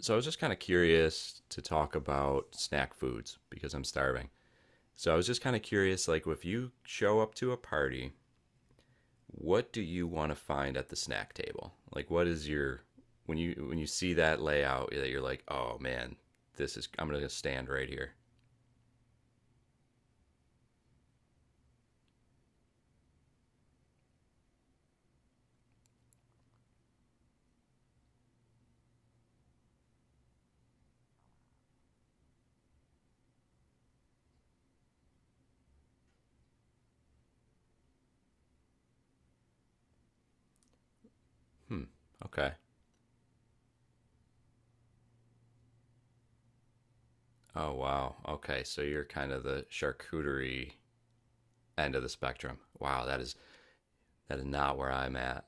So I was just kind of curious to talk about snack foods because I'm starving. So I was just kind of curious, like if you show up to a party, what do you want to find at the snack table? Like what is your when you see that layout that you're like, oh man, this is I'm gonna stand right here. Hmm. Okay. Oh wow. Okay. So you're kind of the charcuterie end of the spectrum. Wow, that is not where I'm at.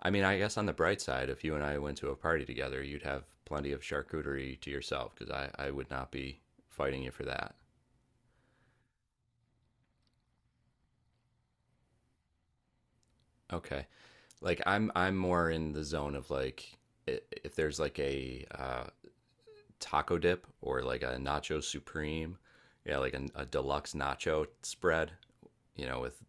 I mean, I guess on the bright side, if you and I went to a party together, you'd have plenty of charcuterie to yourself because I would not be fighting you for that. Okay. Like I'm more in the zone of like if there's like a taco dip or like a nacho supreme, yeah, like a deluxe nacho spread, you know, with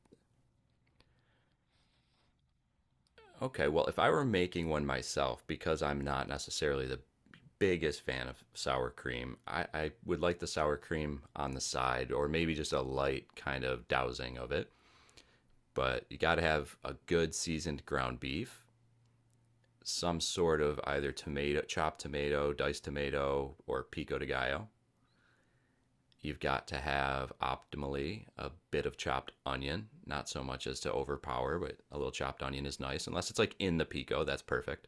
okay, well, if I were making one myself because I'm not necessarily the biggest fan of sour cream. I would like the sour cream on the side or maybe just a light kind of dousing of it. But you got to have a good seasoned ground beef, some sort of either tomato, chopped tomato, diced tomato, or pico de gallo. You've got to have optimally a bit of chopped onion, not so much as to overpower, but a little chopped onion is nice, unless it's like in the pico, that's perfect.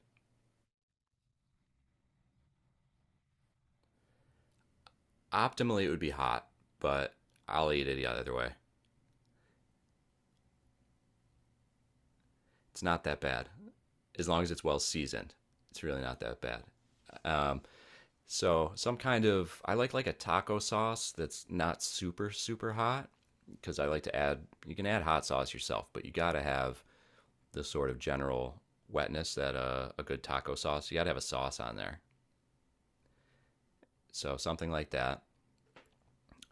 Optimally, it would be hot, but I'll eat it either way. It's not that bad. As long as it's well seasoned, it's really not that bad. Um, so some kind of I like a taco sauce that's not super hot because I like to add you can add hot sauce yourself, but you got to have the sort of general wetness that a good taco sauce. You got to have a sauce on there. So something like that.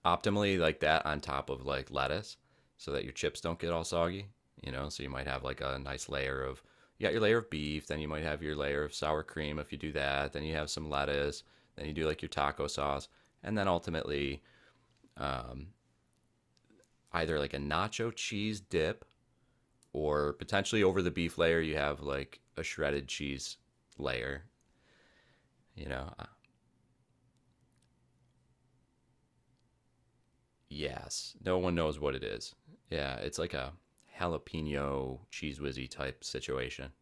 Optimally like that on top of like lettuce so that your chips don't get all soggy, you know? So you might have like a nice layer of you got your layer of beef, then you might have your layer of sour cream if you do that, then you have some lettuce, then you do like your taco sauce, and then ultimately um, either like a nacho cheese dip or potentially over the beef layer you have like a shredded cheese layer, you know? Yes, no one knows what it is. Yeah, it's like a jalapeno cheese whizzy type situation.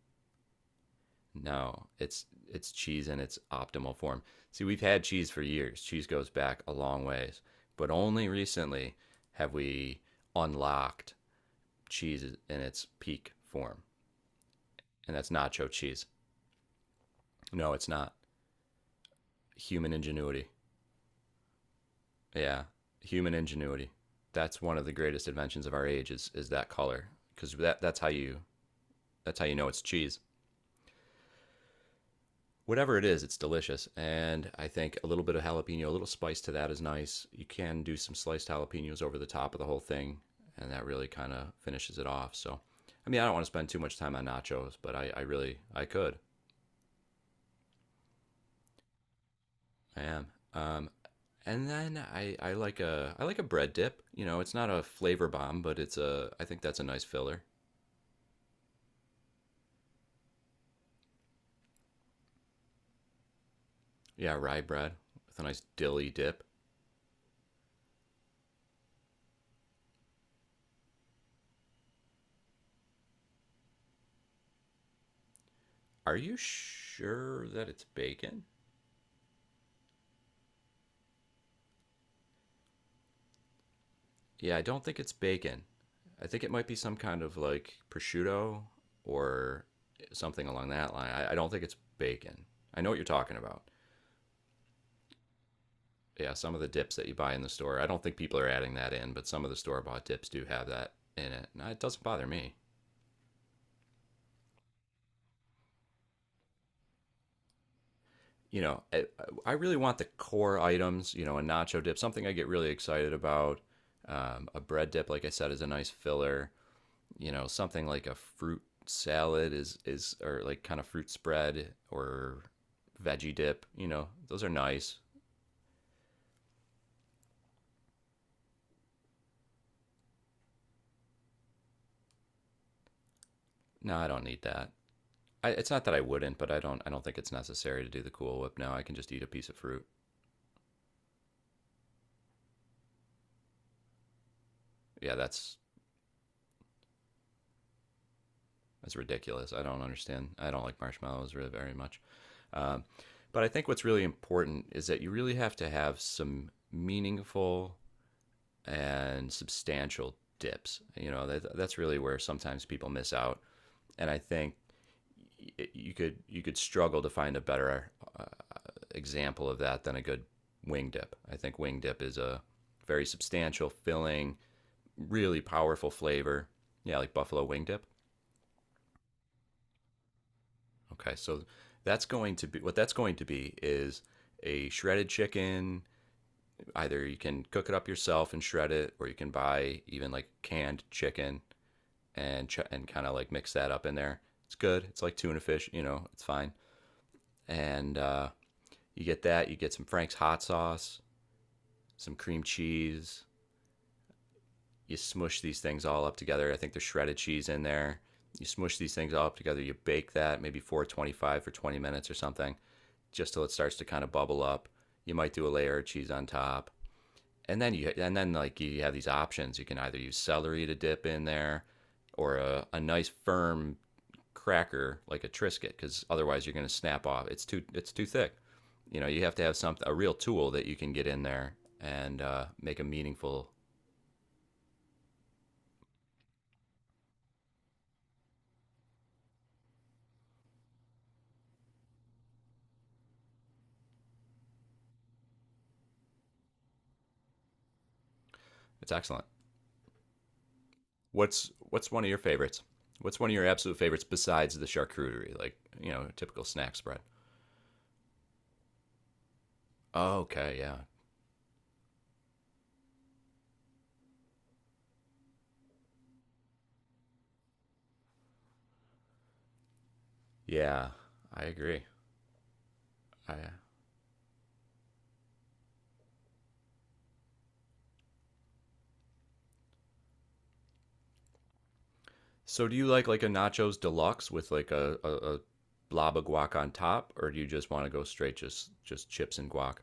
No, it's cheese in its optimal form. See, we've had cheese for years. Cheese goes back a long ways, but only recently have we unlocked cheese in its peak form, and that's nacho cheese. No, it's not. Human ingenuity. Yeah, human ingenuity. That's one of the greatest inventions of our age is that color because that's how you know it's cheese. Whatever it is, it's delicious. And I think a little bit of jalapeno, a little spice to that is nice. You can do some sliced jalapenos over the top of the whole thing, and that really kind of finishes it off. So, I mean, I don't want to spend too much time on nachos, but I really, I could. I am. Um, and then I like a bread dip. You know, it's not a flavor bomb, but it's a I think that's a nice filler. Yeah, rye bread with a nice dilly dip. Are you sure that it's bacon? Yeah, I don't think it's bacon. I think it might be some kind of like prosciutto or something along that line. I don't think it's bacon. I know what you're talking about. Yeah, some of the dips that you buy in the store, I don't think people are adding that in, but some of the store bought dips do have that in it. And it doesn't bother me. You know, I really want the core items, you know, a nacho dip, something I get really excited about. A bread dip, like I said, is a nice filler. You know, something like a fruit salad is or like kind of fruit spread or veggie dip, you know, those are nice. No, I don't need that. I, it's not that I wouldn't, but I don't I don't think it's necessary to do the cool whip. Now I can just eat a piece of fruit. Yeah, that's ridiculous. I don't understand. I don't like marshmallows really very much. um, but I think what's really important is that you really have to have some meaningful and substantial dips. You know that's really where sometimes people miss out. And I think you could struggle to find a better uh, example of that than a good wing dip. I think wing dip is a very substantial, filling, really powerful flavor. Yeah, like buffalo wing dip. Okay, so that's going to be what that's going to be is a shredded chicken. Either you can cook it up yourself and shred it, or you can buy even like canned chicken and kind of like mix that up in there. It's good. It's like tuna fish, you know. It's fine. And You get that, you get some Frank's hot sauce, some cream cheese. You smush these things all up together. I think there's shredded cheese in there. You smush these things all up together. You bake that maybe 425 for 20 minutes or something, just till it starts to kind of bubble up. You might do a layer of cheese on top, and then you and then like you have these options. You can either use celery to dip in there, or a nice firm cracker like a Triscuit because otherwise you're going to snap off. It's too thick. You know, you have to have something, a real tool that you can get in there and make a meaningful. It's excellent. What's one of your favorites? What's one of your absolute favorites besides the charcuterie, like you know, typical snack spread? Oh, okay, yeah, yeah, I agree. I, so, do you like a nachos deluxe with like a blob of guac on top, or do you just want to go straight just chips and guac?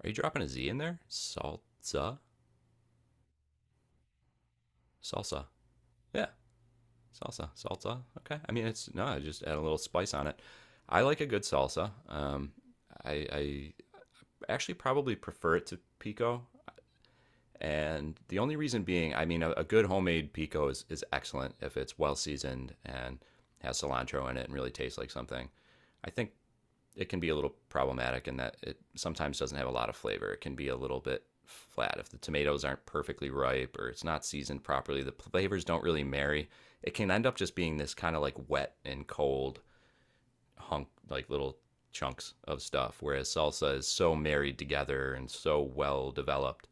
Are you dropping a Z in there? Salsa? Salsa. Yeah, salsa, salsa. Okay. I mean, it's no, I just add a little spice on it. I like a good salsa. I actually probably prefer it to pico, and the only reason being, I mean, a good homemade pico is excellent if it's well seasoned and has cilantro in it and really tastes like something. I think it can be a little problematic in that it sometimes doesn't have a lot of flavor. It can be a little bit flat if the tomatoes aren't perfectly ripe or it's not seasoned properly. The flavors don't really marry. It can end up just being this kind of like wet and cold hunk, like little chunks of stuff, whereas salsa is so married together and so well developed.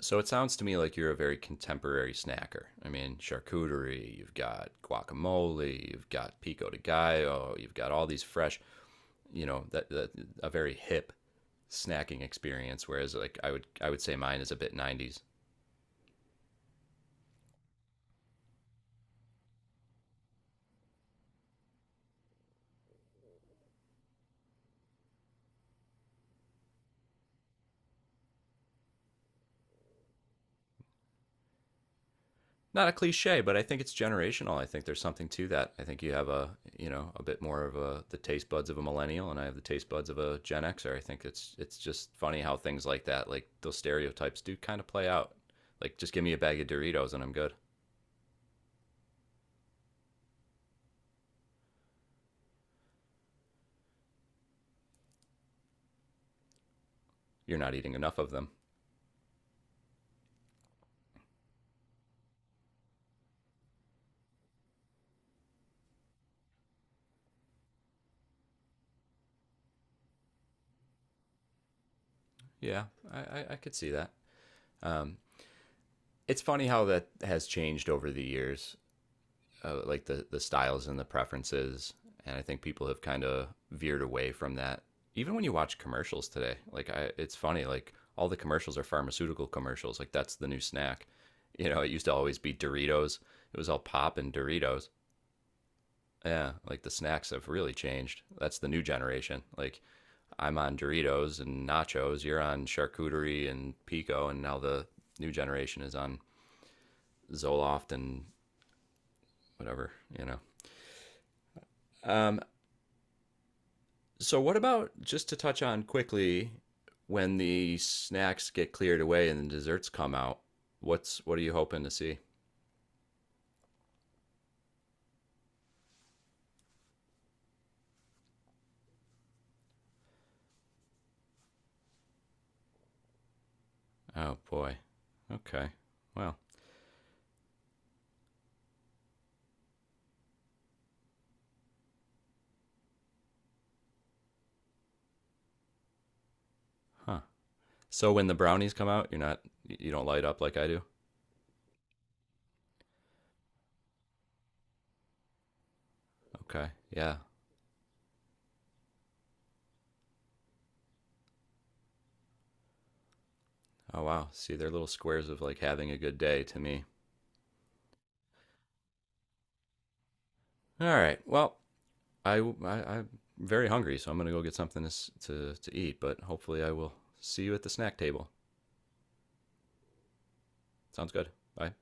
So it sounds to me like you're a very contemporary snacker. I mean, charcuterie, you've got guacamole, you've got pico de gallo, you've got all these fresh you know that a very hip snacking experience, whereas like I would say mine is a bit 90s. Not a cliche, but I think it's generational. I think there's something to that. I think you have a you know a bit more of a the taste buds of a millennial and I have the taste buds of a gen xer. I think it's just funny how things like that, like those stereotypes do kind of play out. Like just give me a bag of doritos and I'm good. You're not eating enough of them. Yeah, I could see that. um it's funny how that has changed over the years, like the styles and the preferences, and I think people have kind of veered away from that. Even when you watch commercials today, like it's funny, like all the commercials are pharmaceutical commercials. Like that's the new snack. You know, it used to always be Doritos. It was all pop and Doritos. Yeah, like the snacks have really changed. That's the new generation. Like I'm on Doritos and nachos. You're on charcuterie and pico, and now the new generation is on Zoloft and whatever. You know. Um, So, what about just to touch on quickly when the snacks get cleared away and the desserts come out? What's what are you hoping to see? Oh boy. Okay. Well, huh. So when the brownies come out, you're not you don't light up like I do. Okay. Yeah. Oh wow. See, they're little squares of like having a good day to me. All right. Well, I am very hungry, so I'm gonna go get something to to eat. But hopefully, I will see you at the snack table. Sounds good. Bye.